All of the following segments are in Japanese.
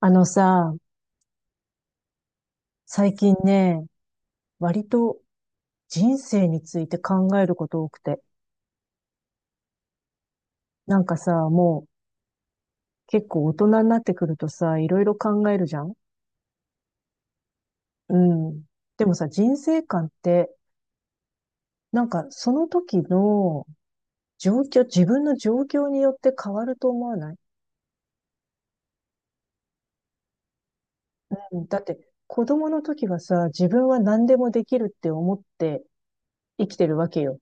あのさ、最近ね、割と人生について考えること多くて。なんかさ、もう結構大人になってくるとさ、いろいろ考えるじゃん。うん。でもさ、人生観って、なんかその時の状況、自分の状況によって変わると思わない？うん。だって子供の時はさ、自分は何でもできるって思って生きてるわけよ。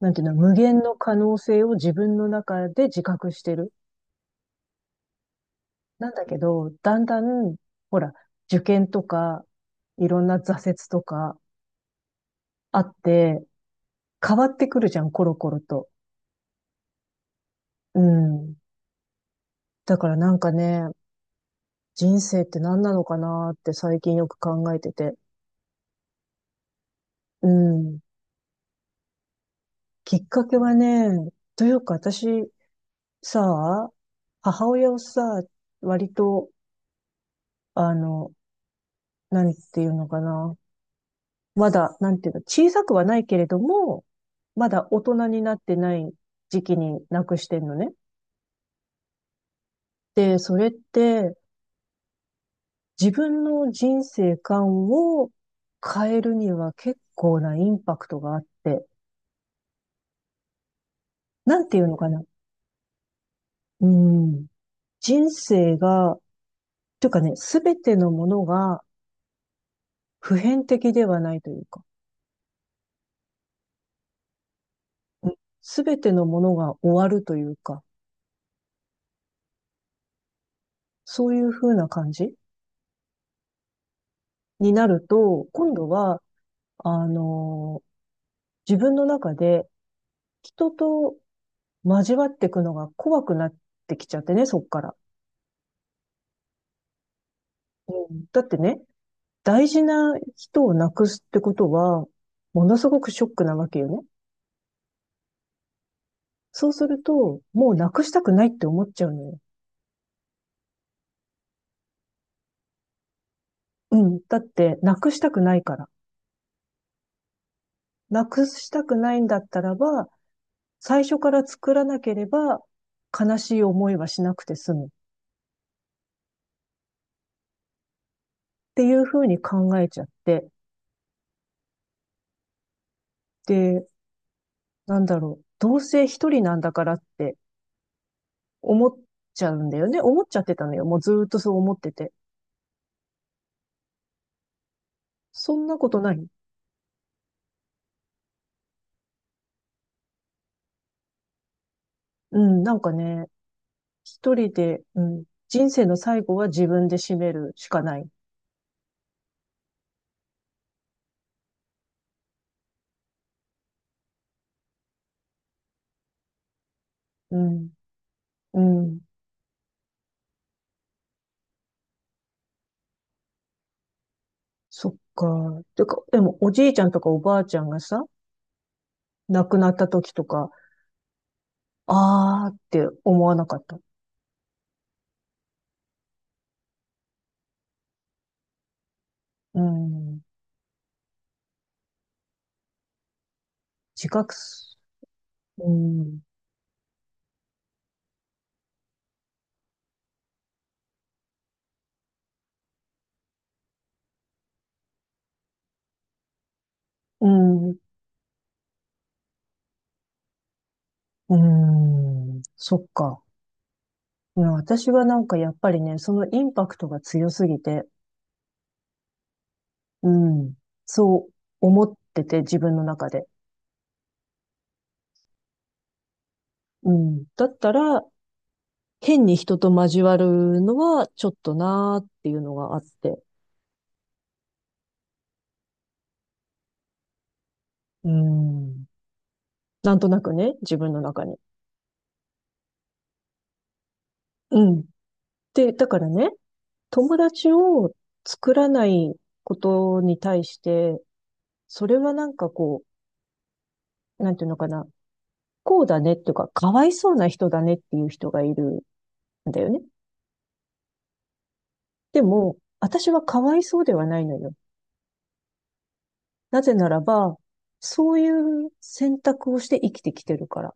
なんていうの、無限の可能性を自分の中で自覚してる。なんだけど、だんだん、ほら、受験とか、いろんな挫折とかあって、変わってくるじゃん、コロコロと。うん。だからなんかね、人生って何なのかなって最近よく考えてて。うん。きっかけはね、というか私、さ、母親をさ、割と、あの、何っていうのかな。まだ、なんていうの、小さくはないけれども、まだ大人になってない時期になくしてんのね。で、それって自分の人生観を変えるには結構なインパクトがあって、なんていうのかな。うん。人生が、というかね、すべてのものが普遍的ではないというか、すべてのものが終わるというか、そういう風な感じになると、今度は、あの自分の中で人と交わっていくのが怖くなってきちゃってね、そっから。うん、だってね、大事な人をなくすってことは、ものすごくショックなわけよね。そうすると、もうなくしたくないって思っちゃうのよ。うん。だって、なくしたくないから。なくしたくないんだったらば、最初から作らなければ、悲しい思いはしなくて済む。っていうふうに考えちゃって。で、なんだろう。どうせ一人なんだからって思っちゃうんだよね。思っちゃってたのよ。もうずーっとそう思ってて。そんなことない。うん、なんかね、一人で、うん、人生の最後は自分で締めるしかない。うん、うん、そっか。てか、でもおじいちゃんとかおばあちゃんがさ、亡くなった時とか、あーって思わなかった。うん。自覚す、うん、うん、うん、そっか。うん、私はなんかやっぱりね、そのインパクトが強すぎて、うん。そう思ってて、自分の中で。うん。だったら、変に人と交わるのはちょっとなーっていうのがあって。うん。なんとなくね、自分の中に。うん。で、だからね、友達を作らないことに対して、それはなんかこう、なんていうのかな、こうだねっていうか、かわいそうな人だねっていう人がいるんだよね。でも、私はかわいそうではないのよ。なぜならば、そういう選択をして生きてきてるから。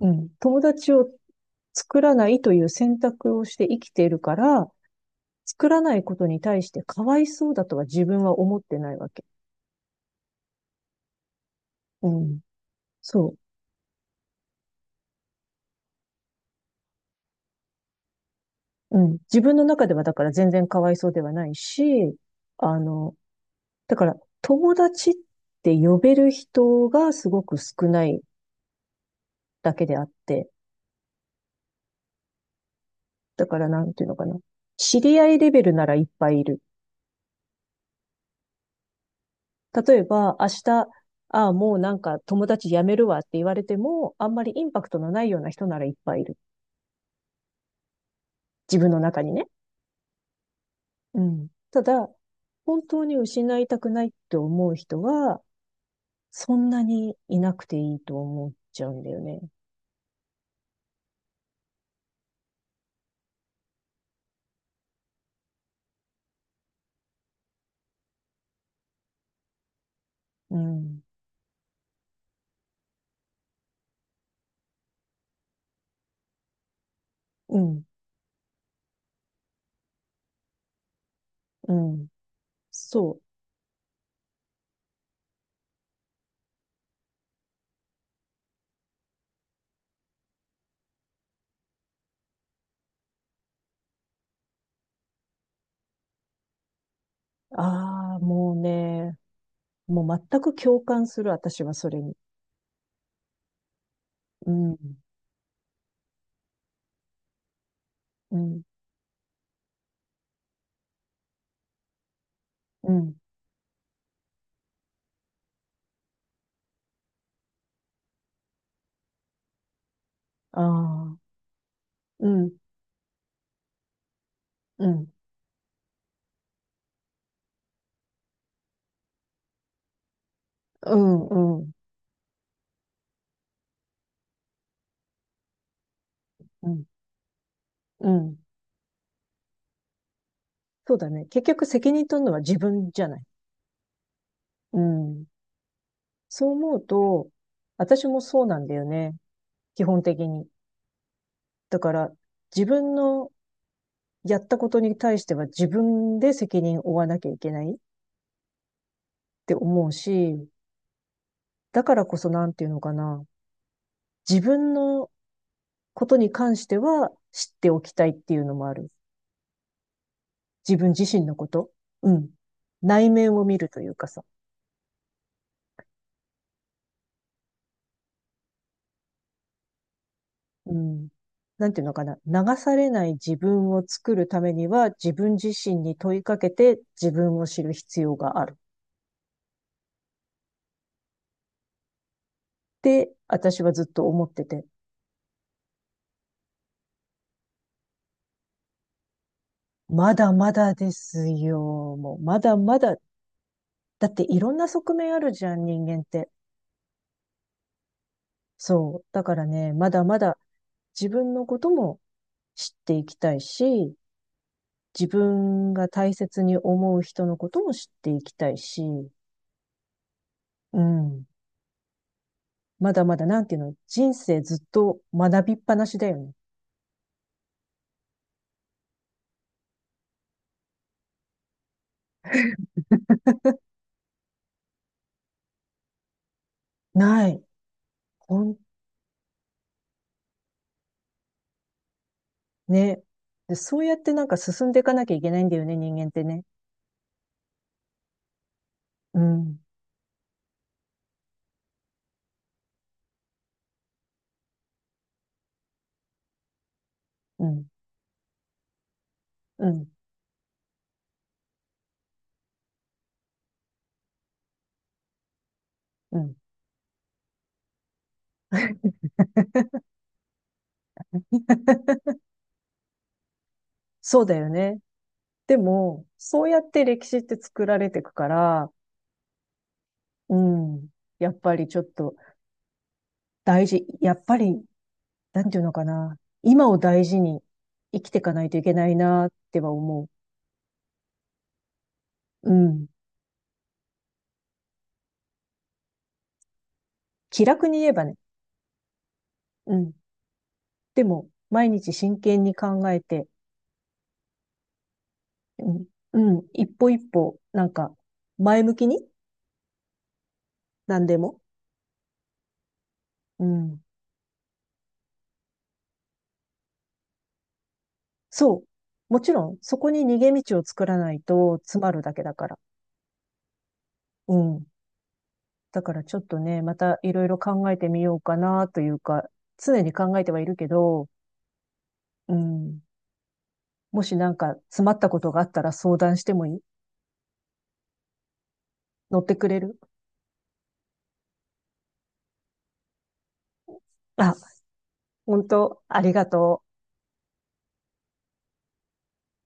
うん。友達を作らないという選択をして生きているから、作らないことに対してかわいそうだとは自分は思ってないわけ。うん。そう。うん。自分の中ではだから全然かわいそうではないし、あの、だから友達って呼べる人がすごく少ないだけであって、だからなんていうのかな。知り合いレベルならいっぱいいる。例えば、明日、ああ、もうなんか友達辞めるわって言われても、あんまりインパクトのないような人ならいっぱいいる。自分の中にね。うん。ただ、本当に失いたくないって思う人は、そんなにいなくていいと思っちゃうんだよね。うん。うん。うん。そう。ああ、もうね、もう全く共感する、私はそれに。うん。うん。うん。ああ。うん。うん。うん。うん。うん。うん。そうだね。結局責任取るのは自分じゃない。うん。そう思うと、私もそうなんだよね。基本的に。だから、自分のやったことに対しては自分で責任を負わなきゃいけないって思うし、だからこそなんていうのかな。自分のことに関しては知っておきたいっていうのもある。自分自身のこと。うん。内面を見るというかさ。うん。なんていうのかな。流されない自分を作るためには、自分自身に問いかけて自分を知る必要がある。って私はずっと思ってて。まだまだですよ。もう、まだまだ。だっていろんな側面あるじゃん、人間って。そう。だからね、まだまだ自分のことも知っていきたいし、自分が大切に思う人のことも知っていきたいし、うん。まだまだ、なんていうの、人生ずっと学びっぱなしだよね。ない。ほん、ね。で、そうやってなんか進んでいかなきゃいけないんだよね、人間ってね。うん、うん、うん、うん。そうだよね。でも、そうやって歴史って作られていくから、うん、やっぱりちょっと大事、やっぱり、なんていうのかな、今を大事に生きていかないといけないなっては思う。うん。気楽に言えばね。うん。でも、毎日真剣に考えて、うん、うん、一歩一歩、なんか、前向きに、何でも。うん。そう。もちろん、そこに逃げ道を作らないと詰まるだけだから。うん。だからちょっとね、またいろいろ考えてみようかなというか、常に考えてはいるけど、うん。もしなんか詰まったことがあったら相談してもいい？乗ってくれる？あ、本当ありがとう。